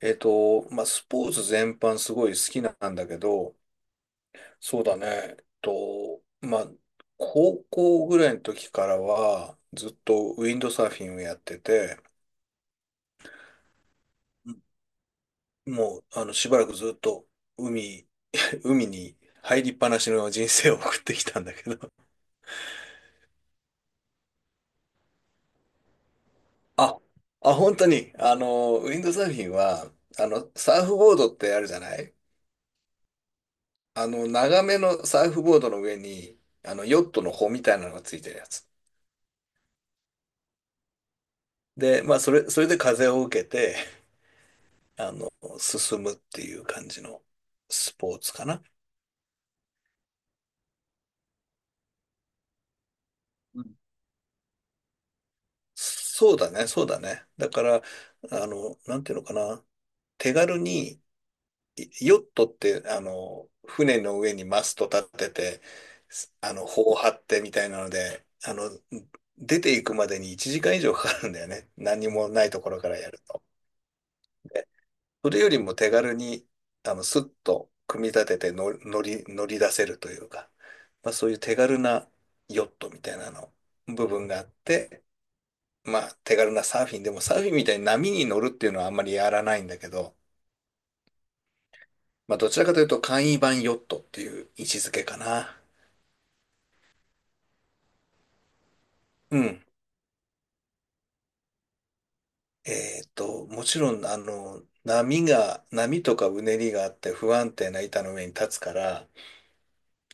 スポーツ全般すごい好きなんだけど、そうだね、高校ぐらいの時からは、ずっとウィンドサーフィンをやってて、うん。もう、あの、しばらくずっと海、海に入りっぱなしの人生を送ってきたんだけど。あ、本当に、ウィンドサーフィンは、サーフボードってあるじゃない。長めのサーフボードの上に、ヨットの帆みたいなのがついてるやつ。で、まあ、それで風を受けて、あの、進むっていう感じのスポーツかな。うん。そうだね、そうだね。だから、なんていうのかな。手軽に、いヨットって、船の上にマスト立てて、すあの、帆を張ってみたいなので、出ていくまでに1時間以上かかるんだよね。何もないところからやると。それよりも手軽に、スッと組み立てての乗り出せるというか、まあそういう手軽なヨットみたいなの、部分があって、まあ手軽なサーフィンでもサーフィンみたいに波に乗るっていうのはあんまりやらないんだけど、まあどちらかというと簡易版ヨットっていう位置づけかな。うん。えっと、もちろん、波とかうねりがあって不安定な板の上に立つから、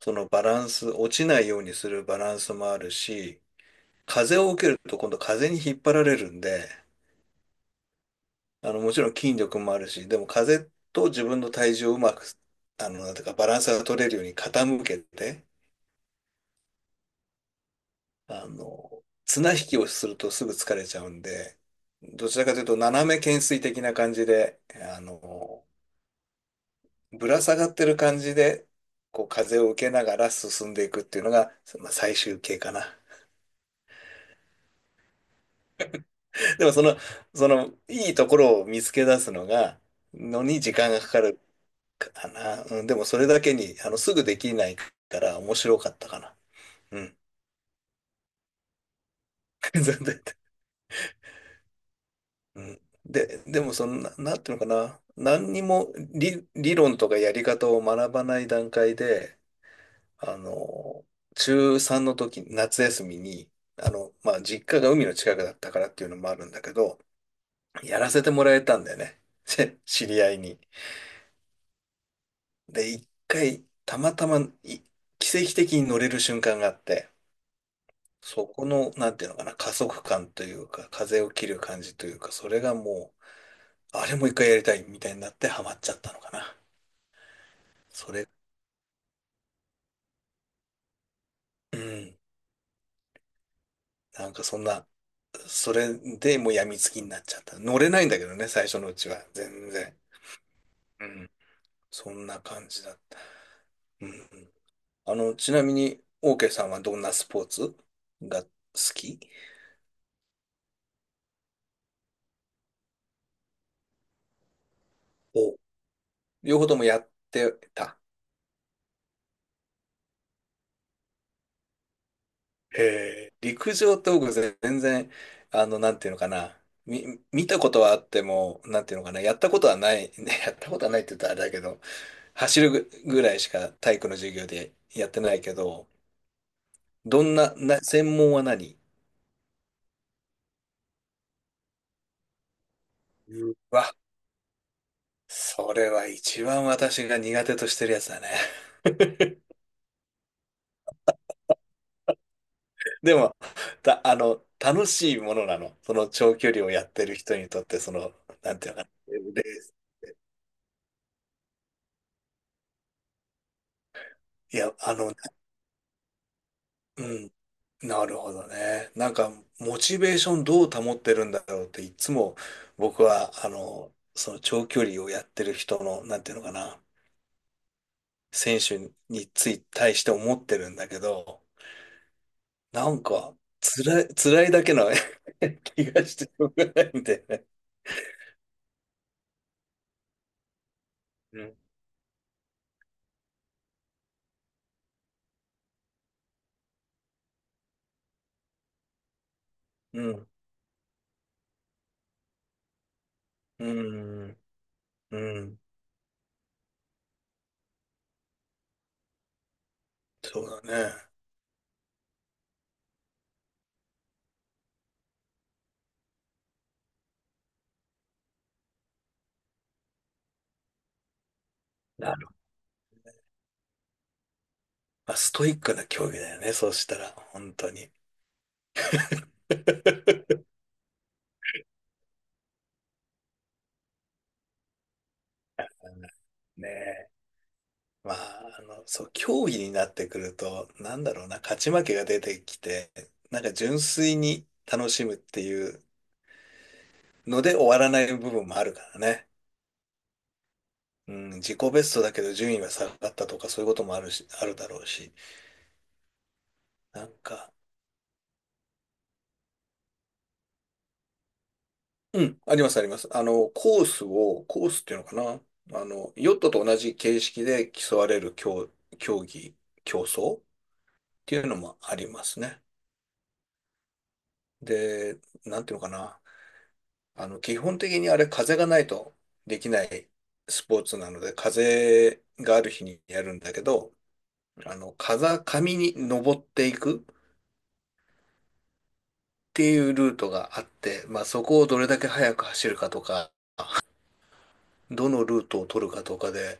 そのバランス、落ちないようにするバランスもあるし、風を受けると今度風に引っ張られるんで、もちろん筋力もあるし、でも風と自分の体重をうまく、なんていうかバランスが取れるように傾けて、綱引きをするとすぐ疲れちゃうんで、どちらかというと斜め懸垂的な感じで、あの、ぶら下がってる感じで、こう風を受けながら進んでいくっていうのが、まあ、最終形かな。でもいいところを見つけ出すのが、のに時間がかかるかな。うん、でもそれだけに、すぐできないから面白かったかな。うん。全然。うん。で、でもそんな、なんていうのかな。何にも理論とかやり方を学ばない段階で、あの、中3の時、夏休みに、まあ、実家が海の近くだったからっていうのもあるんだけど、やらせてもらえたんだよね。知り合いに。で、一回、たまたまい、奇跡的に乗れる瞬間があって、そこの、なんていうのかな、加速感というか、風を切る感じというか、それがもう、あれも一回やりたいみたいになってハマっちゃったのかな。それ、うん。なんかそんな、それでもう病みつきになっちゃった。乗れないんだけどね、最初のうちは。全然。うん。そんな感じだった。うん。ちなみに、オーケーさんはどんなスポーツが好き？お、両方ともやってた。えー、陸上と僕全然、なんていうのかな。見たことはあっても、なんていうのかな。やったことはない。ね、やったことはないって言ったらあれだけど、走るぐらいしか体育の授業でやってないけど、どんな、な、専門は何？うわ、それは一番私が苦手としてるやつだね。でも、た、楽しいものなの。その長距離をやってる人にとって、その、なんていうのかな。レース。いや、うん。なるほどね。なんか、モチベーションどう保ってるんだろうって、いつも僕は、その長距離をやってる人の、なんていうのかな、選手につい、対して思ってるんだけど、なんか、辛いだけの 気がしてしょうがないんでね。うん、うん、うん、うん、そうだね。なる。まあ、ストイックな競技だよね、そうしたら、本当に。ねえ。まあ、そう、競技になってくると、なんだろうな、勝ち負けが出てきて、なんか純粋に楽しむっていうので終わらない部分もあるからね。うん、自己ベストだけど順位は下がったとかそういうこともあるし、あるだろうし。なんか、うん、ありますあります。コースを、コースっていうのかな。ヨットと同じ形式で競われる競、競技、競争っていうのもありますね。で、なんていうのかな。基本的にあれ風がないとできないスポーツなので、風がある日にやるんだけど、風上に登っていくっていうルートがあって、まあそこをどれだけ速く走るかとか、どのルートを取るかとかで、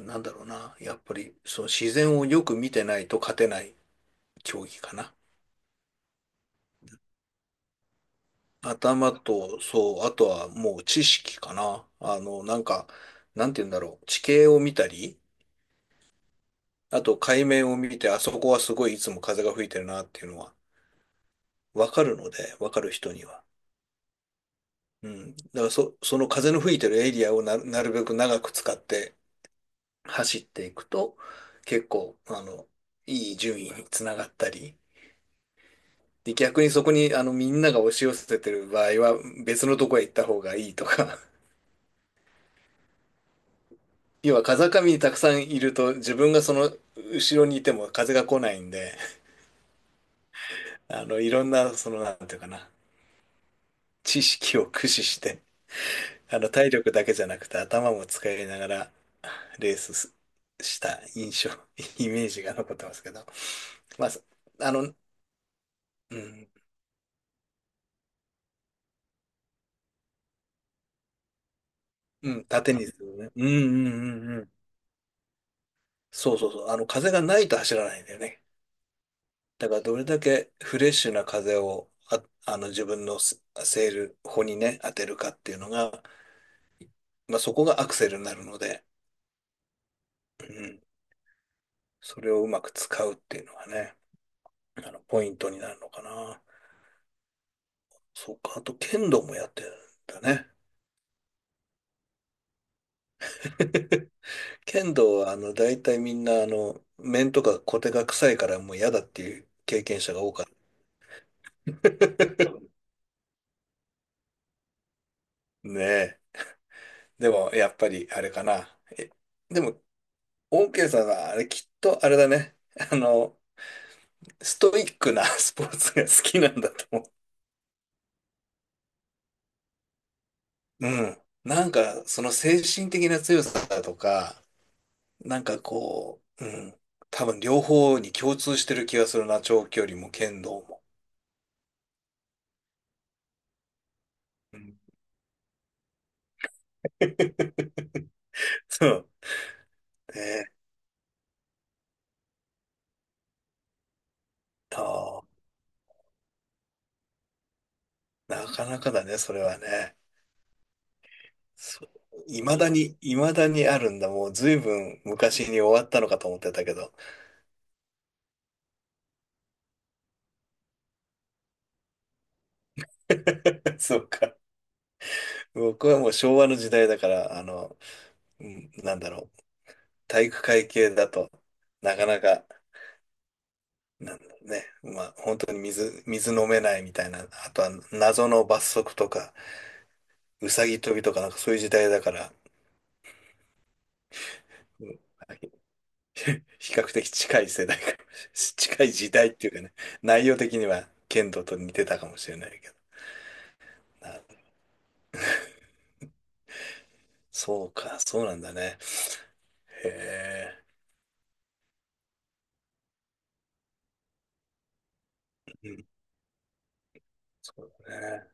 なんだろうな、やっぱりその自然をよく見てないと勝てない競技かな。頭と、そう、あとはもう知識かな。なんか、なんて言うんだろう、地形を見たり、あと海面を見て、あそこはすごいいつも風が吹いてるなっていうのはわかるので、わかる人には。うん。だからそ、その風の吹いてるエリアをな、なるべく長く使って走っていくと、結構、いい順位につながったり、で、逆にそこに、みんなが押し寄せてる場合は、別のとこへ行った方がいいとか、要は風上にたくさんいると、自分がその後ろにいても風が来ないんで、いろんな、その、なんていうかな、知識を駆使して、体力だけじゃなくて頭も使いながらレースすした印象、イメージが残ってますけど。まあ、そあの、うん、うん、縦にですよね。うん、うん、うん、うん。そうそうそう。風がないと走らないんだよね。だから、どれだけフレッシュな風を、あ、自分のスセール、歩にね、当てるかっていうのが、まあ、そこがアクセルになるので、うん、それをうまく使うっていうのがね、ポイントになるのかな。そうか、あと、剣道もやってるんだね。剣道は、大体みんな、面とかコテが臭いからもう嫌だっていう経験者が多かった。ねえ。でも、やっぱり、あれかな。え、でも、オーケーさんは、あれ、きっと、あれだね。あの、ストイックな スポーツが好きなんだと思う。うん。なんか、その精神的な強さだとか、なんかこう、うん。多分、両方に共通してる気がするな。長距離も剣道も。うん。 そう。ねえ。あー、なかなかだね、それはね。そう、いまだにあるんだ。もう随分昔に終わったのかと思ってたけど。そうか。僕はもう昭和の時代だから、うん、なんだろう。体育会系だと、なかなか、なんだろうね。まあ、本当に水飲めないみたいな。あとは謎の罰則とか、うさぎ跳びとかなんかそういう時代だから、うん。 比較的近い世代かもし近い時代っていうかね、内容的には剣道と似てたかもしれないけど。な、そうか、そうなんだね。へえ。うん、そうだね。